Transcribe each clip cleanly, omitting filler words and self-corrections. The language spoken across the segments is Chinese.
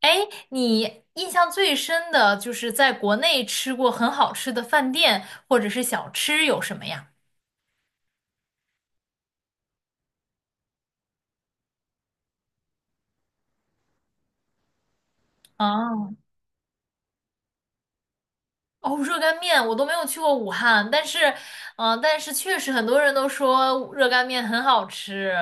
哎，你印象最深的就是在国内吃过很好吃的饭店或者是小吃有什么呀？哦，哦，热干面我都没有去过武汉，但是确实很多人都说热干面很好吃。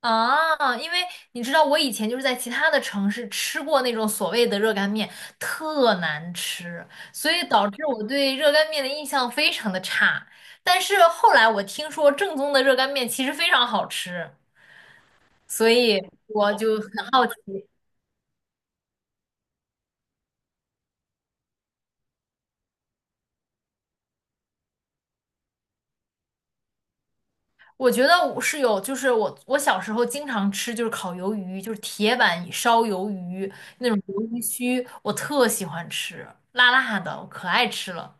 啊，因为你知道我以前就是在其他的城市吃过那种所谓的热干面，特难吃，所以导致我对热干面的印象非常的差。但是后来我听说正宗的热干面其实非常好吃。所以我就很好奇，我觉得我是有，就是我小时候经常吃就是烤鱿鱼，就是铁板烧鱿鱼那种鱿鱼须，我特喜欢吃，辣辣的，我可爱吃了。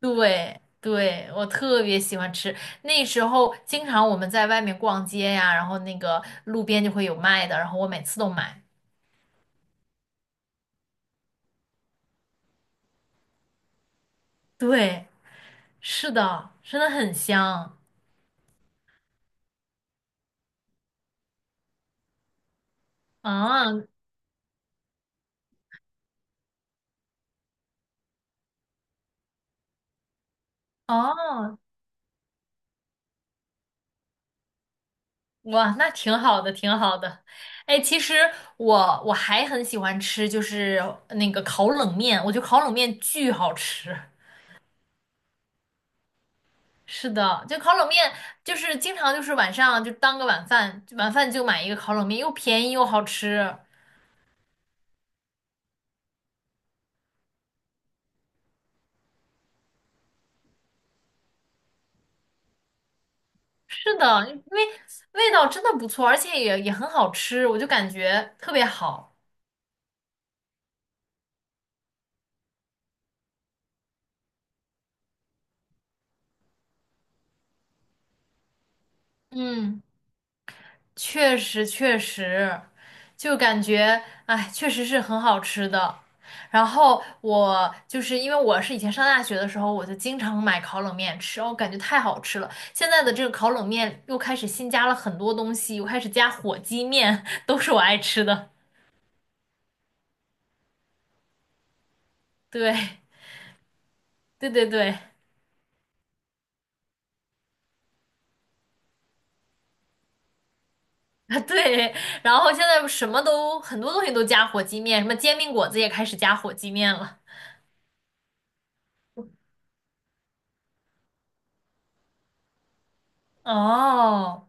对对，我特别喜欢吃。那时候经常我们在外面逛街呀，然后那个路边就会有卖的，然后我每次都买。对，是的，真的很香啊！哦，哇，那挺好的，挺好的。哎，其实我还很喜欢吃，就是那个烤冷面，我觉得烤冷面巨好吃。是的，就烤冷面，就是经常就是晚上就当个晚饭，晚饭就买一个烤冷面，又便宜又好吃。是的，因为味道真的不错，而且也很好吃，我就感觉特别好。嗯。确实确实，就感觉哎，确实是很好吃的。然后我就是因为我是以前上大学的时候，我就经常买烤冷面吃，我感觉太好吃了。现在的这个烤冷面又开始新加了很多东西，又开始加火鸡面，都是我爱吃的。对，对对对。啊，对对，然后现在什么都很多东西都加火鸡面，什么煎饼果子也开始加火鸡面了。哦，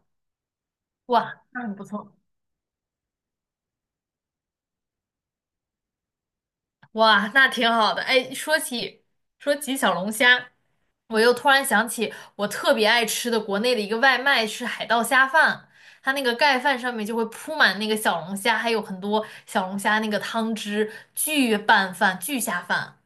哇，那很不错。哇，那挺好的。哎，说起小龙虾，我又突然想起我特别爱吃的国内的一个外卖是海盗虾饭，它那个盖饭上面就会铺满那个小龙虾，还有很多小龙虾那个汤汁，巨拌饭、巨下饭。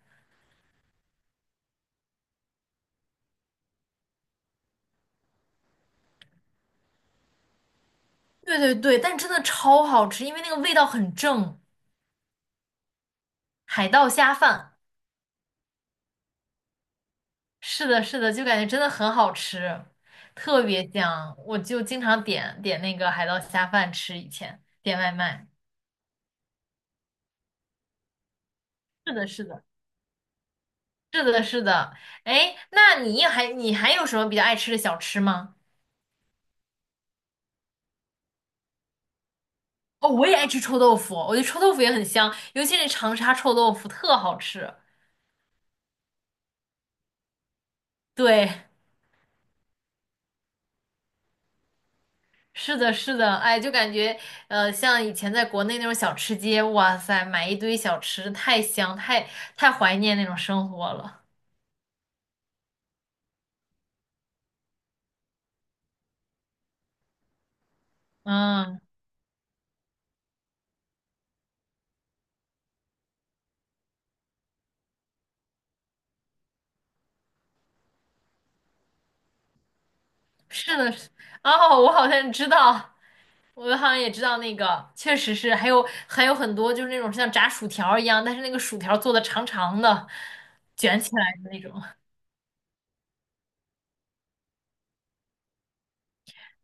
对对对，但真的超好吃，因为那个味道很正。海盗虾饭，是的，是的，就感觉真的很好吃，特别香。我就经常点点那个海盗虾饭吃，以前点外卖。是的，是的。是的，是的。哎，那你还有什么比较爱吃的小吃吗？哦，我也爱吃臭豆腐，我觉得臭豆腐也很香，尤其是长沙臭豆腐特好吃。对，是的，是的。哎，就感觉像以前在国内那种小吃街，哇塞，买一堆小吃，太香，太怀念那种生活了。嗯，是的，是。哦，我好像知道。我好像也知道那个，确实是，还有很多就是那种像炸薯条一样，但是那个薯条做的长长的，卷起来的那种。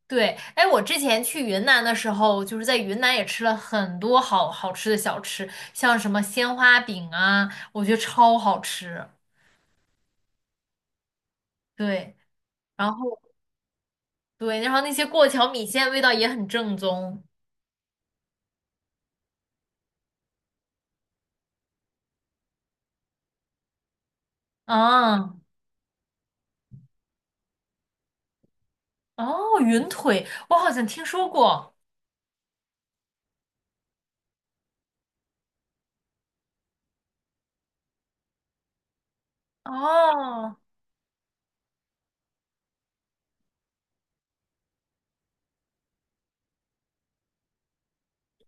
对，哎，我之前去云南的时候，就是在云南也吃了很多好好吃的小吃，像什么鲜花饼啊，我觉得超好吃。对，然后对，然后那些过桥米线味道也很正宗。啊，哦，云腿，我好像听说过。哦，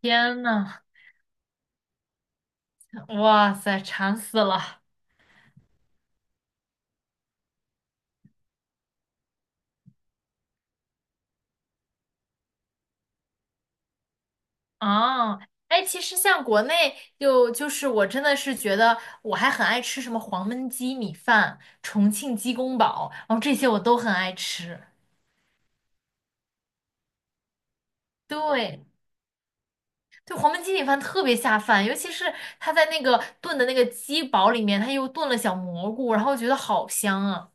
天呐，哇塞，馋死了。哦，哎，其实像国内就是我真的是觉得我还很爱吃什么黄焖鸡米饭、重庆鸡公煲，然后这些我都很爱吃。对，对，黄焖鸡米饭特别下饭，尤其是它在那个炖的那个鸡煲里面，它又炖了小蘑菇，然后觉得好香啊。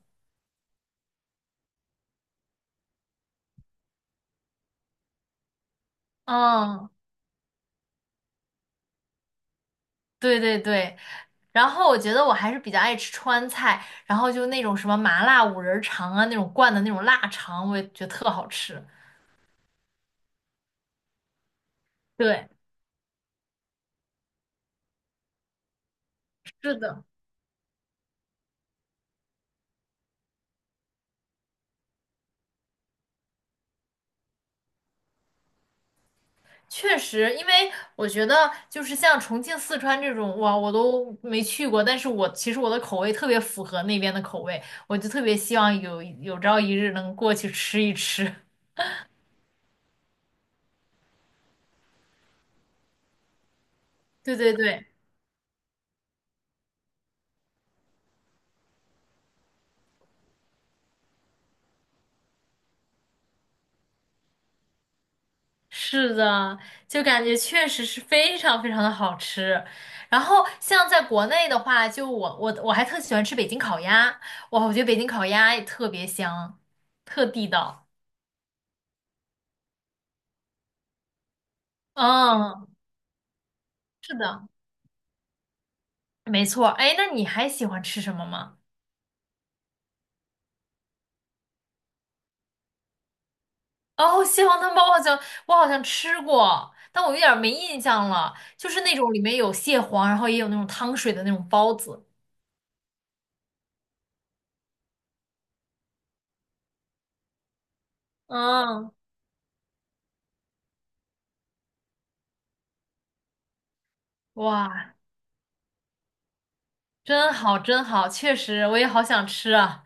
嗯，对对对。然后我觉得我还是比较爱吃川菜，然后就那种什么麻辣五仁肠啊，那种灌的那种腊肠，我也觉得特好吃。对，是的。确实，因为我觉得就是像重庆、四川这种，哇，我都没去过，但是我其实我的口味特别符合那边的口味，我就特别希望有朝一日能过去吃一吃。对对对，是的，就感觉确实是非常非常的好吃。然后像在国内的话，就我还特喜欢吃北京烤鸭，哇，我觉得北京烤鸭也特别香，特地道。嗯，是的，没错。哎，那你还喜欢吃什么吗？哦，蟹黄汤包好像我好像吃过，但我有点儿没印象了。就是那种里面有蟹黄，然后也有那种汤水的那种包子。嗯，哇，真好，真好，确实我也好想吃啊。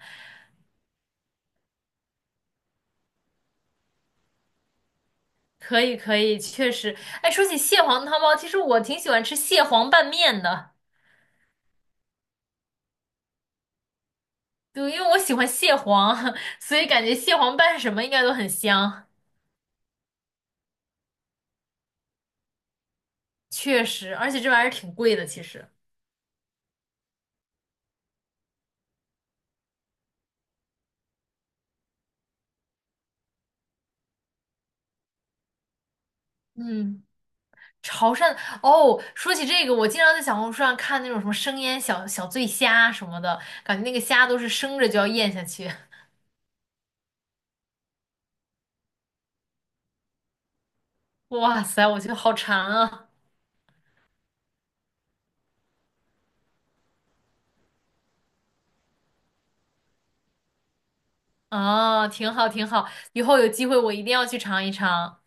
可以，可以，确实。哎，说起蟹黄汤包，其实我挺喜欢吃蟹黄拌面的。对，因为我喜欢蟹黄，所以感觉蟹黄拌什么应该都很香。确实，而且这玩意儿挺贵的，其实。嗯。潮汕哦，说起这个，我经常在小红书上看那种什么生腌小醉虾什么的，感觉那个虾都是生着就要咽下去。哇塞，我觉得好馋啊！啊，挺好挺好，以后有机会我一定要去尝一尝。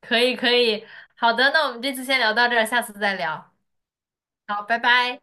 可以可以，好的，那我们这次先聊到这儿，下次再聊。好，拜拜。